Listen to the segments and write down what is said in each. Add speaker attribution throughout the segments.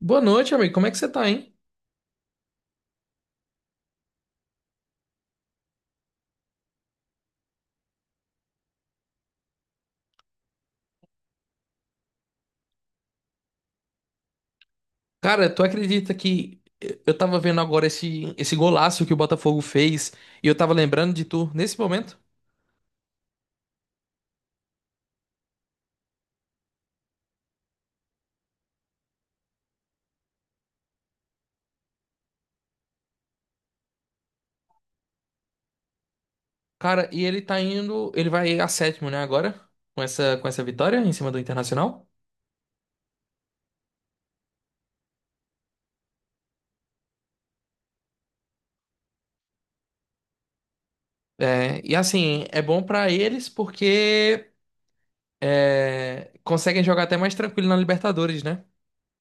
Speaker 1: Boa noite, amigo. Como é que você tá, hein? Cara, tu acredita que eu tava vendo agora esse golaço que o Botafogo fez e eu tava lembrando de tu nesse momento? Cara, e ele tá indo, ele vai a sétimo, né, agora, com essa vitória em cima do Internacional. É, e assim, é bom pra eles porque é, conseguem jogar até mais tranquilo na Libertadores, né?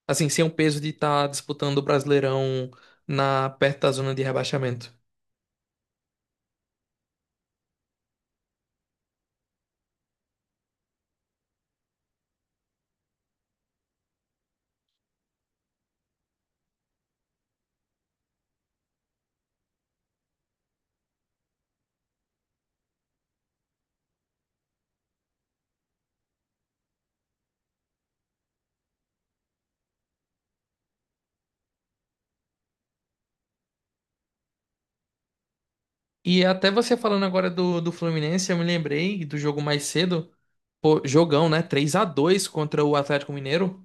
Speaker 1: Assim, sem o peso de estar disputando o Brasileirão perto da zona de rebaixamento. E até você falando agora do Fluminense, eu me lembrei do jogo mais cedo. Pô, jogão, né? 3-2 contra o Atlético Mineiro.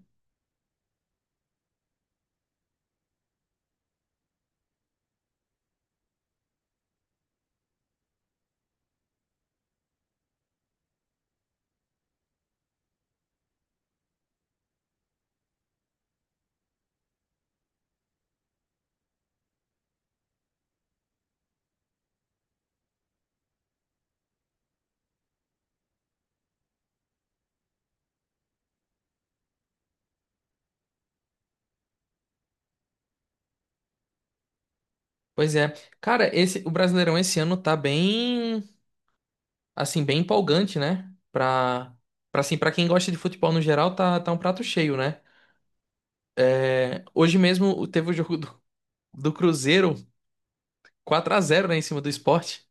Speaker 1: Pois é. Cara, o Brasileirão esse ano tá bem, assim, bem empolgante, né? Pra, assim, pra quem gosta de futebol no geral, tá um prato cheio, né? É, hoje mesmo teve o jogo do Cruzeiro, 4-0, né, em cima do Sport.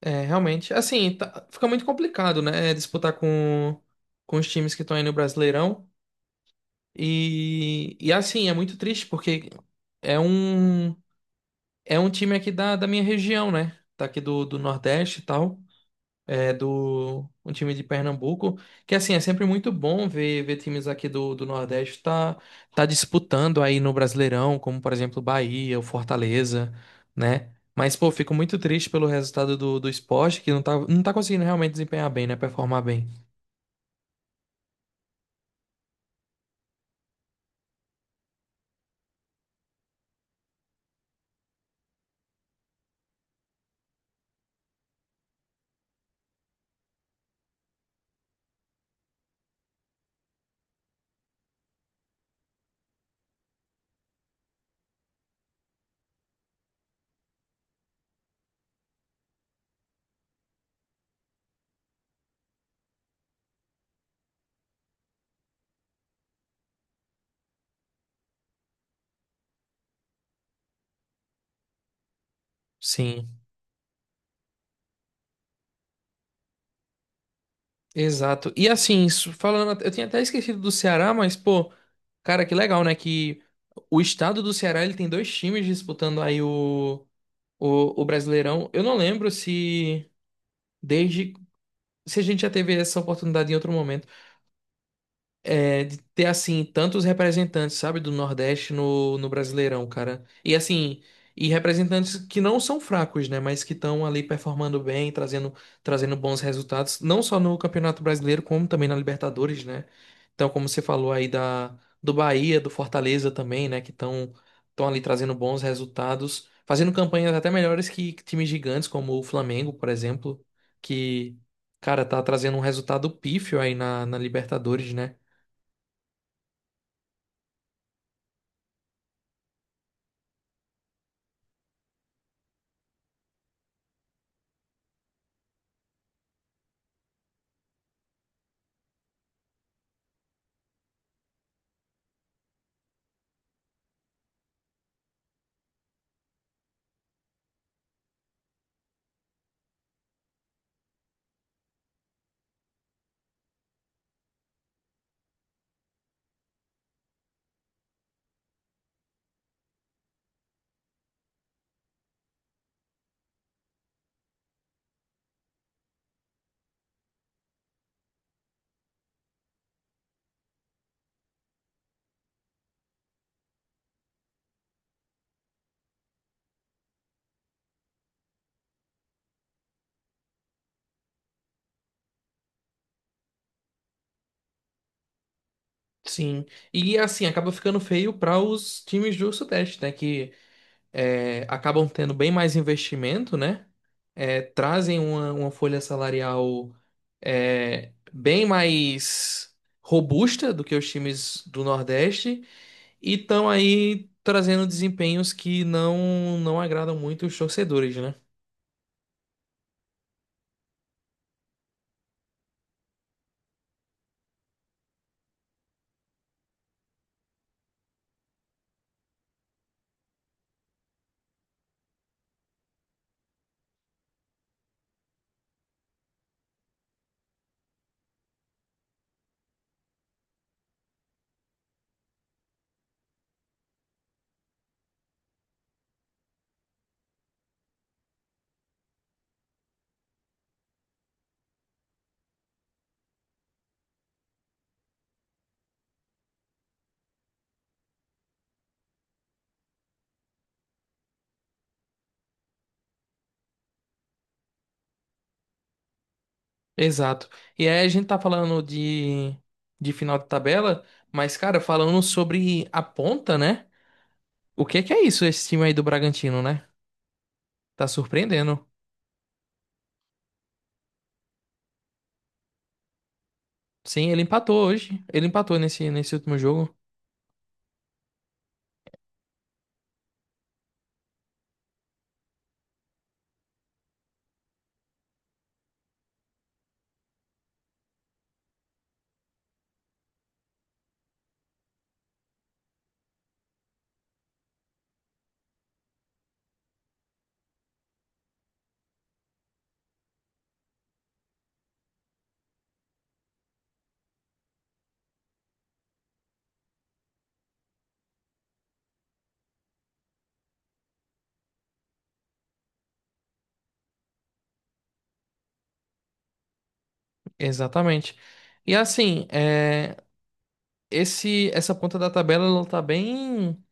Speaker 1: É, realmente, assim, fica muito complicado, né? Disputar com os times que estão aí no Brasileirão. E assim, é muito triste porque é um, é um time aqui da minha região, né? Tá aqui do Nordeste e tal. É do um time de Pernambuco. Que assim, é sempre muito bom ver, ver times aqui do Nordeste tá disputando aí no Brasileirão, como por exemplo o Bahia, o Fortaleza, né? Mas, pô, fico muito triste pelo resultado do esporte, que não tá conseguindo realmente desempenhar bem, né? Performar bem. Sim. Exato. E assim, falando, eu tinha até esquecido do Ceará, mas pô, cara, que legal, né? Que o estado do Ceará ele tem dois times disputando aí o Brasileirão. Eu não lembro desde se a gente já teve essa oportunidade em outro momento é, de ter assim tantos representantes, sabe, do Nordeste no Brasileirão, cara. E assim, e representantes que não são fracos, né, mas que estão ali performando bem, trazendo bons resultados, não só no Campeonato Brasileiro, como também na Libertadores, né? Então, como você falou aí da do Bahia, do Fortaleza também, né, que estão ali trazendo bons resultados, fazendo campanhas até melhores que times gigantes como o Flamengo, por exemplo, que cara, tá trazendo um resultado pífio aí na Libertadores, né? Sim, e assim, acaba ficando feio para os times do Sudeste, né? Que é, acabam tendo bem mais investimento, né? É, trazem uma folha salarial é, bem mais robusta do que os times do Nordeste e estão aí trazendo desempenhos que não agradam muito os torcedores, né? Exato. E aí a gente tá falando de final de tabela, mas, cara, falando sobre a ponta, né? O que é isso, esse time aí do Bragantino, né? Tá surpreendendo. Sim, ele empatou hoje. Ele empatou nesse último jogo. Exatamente. E assim, é, esse, essa ponta da tabela ela tá bem,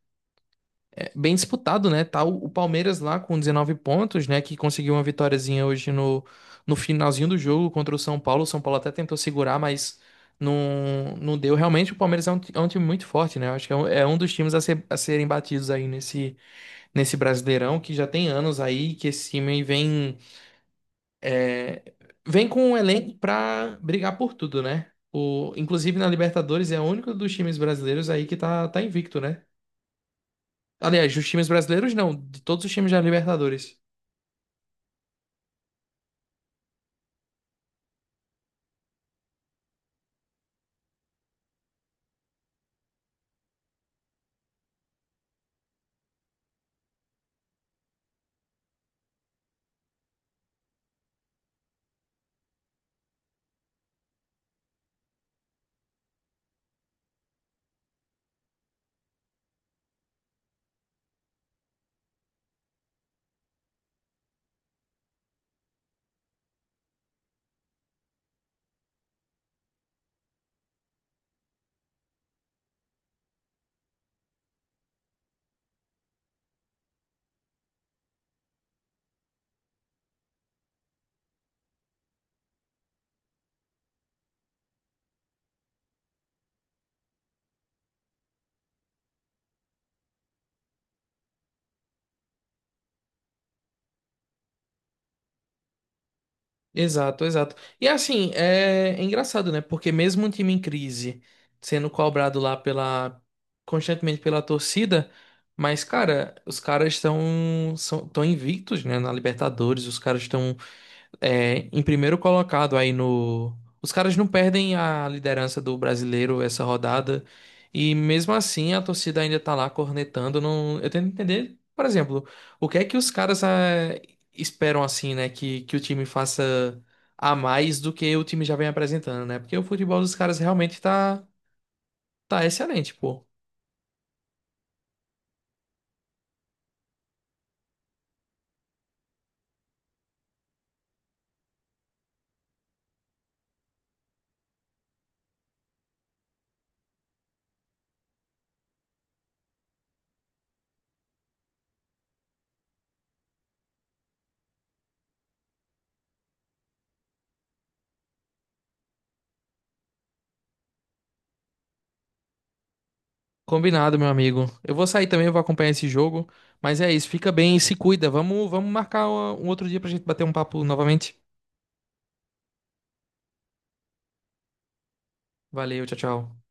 Speaker 1: é, bem disputado, né? Tá o Palmeiras lá com 19 pontos, né? Que conseguiu uma vitóriazinha hoje no finalzinho do jogo contra o São Paulo. O São Paulo até tentou segurar, mas não deu. Realmente, o Palmeiras é um time muito forte, né? Eu acho que é um dos times a serem batidos aí nesse Brasileirão que já tem anos aí que esse time vem é, vem com um elenco pra brigar por tudo, né? O, inclusive na Libertadores é o único dos times brasileiros aí que tá invicto, né? Aliás, dos times brasileiros não, de todos os times da Libertadores. Exato, exato. E assim, é, é engraçado, né? Porque mesmo um time em crise sendo cobrado lá pela constantemente pela torcida, mas cara, os caras estão tão invictos, né, na Libertadores, os caras estão é, em primeiro colocado aí no. Os caras não perdem a liderança do brasileiro essa rodada. E mesmo assim a torcida ainda tá lá cornetando. Não... Eu tento entender, por exemplo, o que é que os caras esperam assim, né? Que o time faça a mais do que o time já vem apresentando, né? Porque o futebol dos caras realmente tá, tá excelente, pô. Combinado, meu amigo. Eu vou sair também, eu vou acompanhar esse jogo. Mas é isso, fica bem e se cuida. Vamos marcar um outro dia pra gente bater um papo novamente. Valeu, tchau, tchau.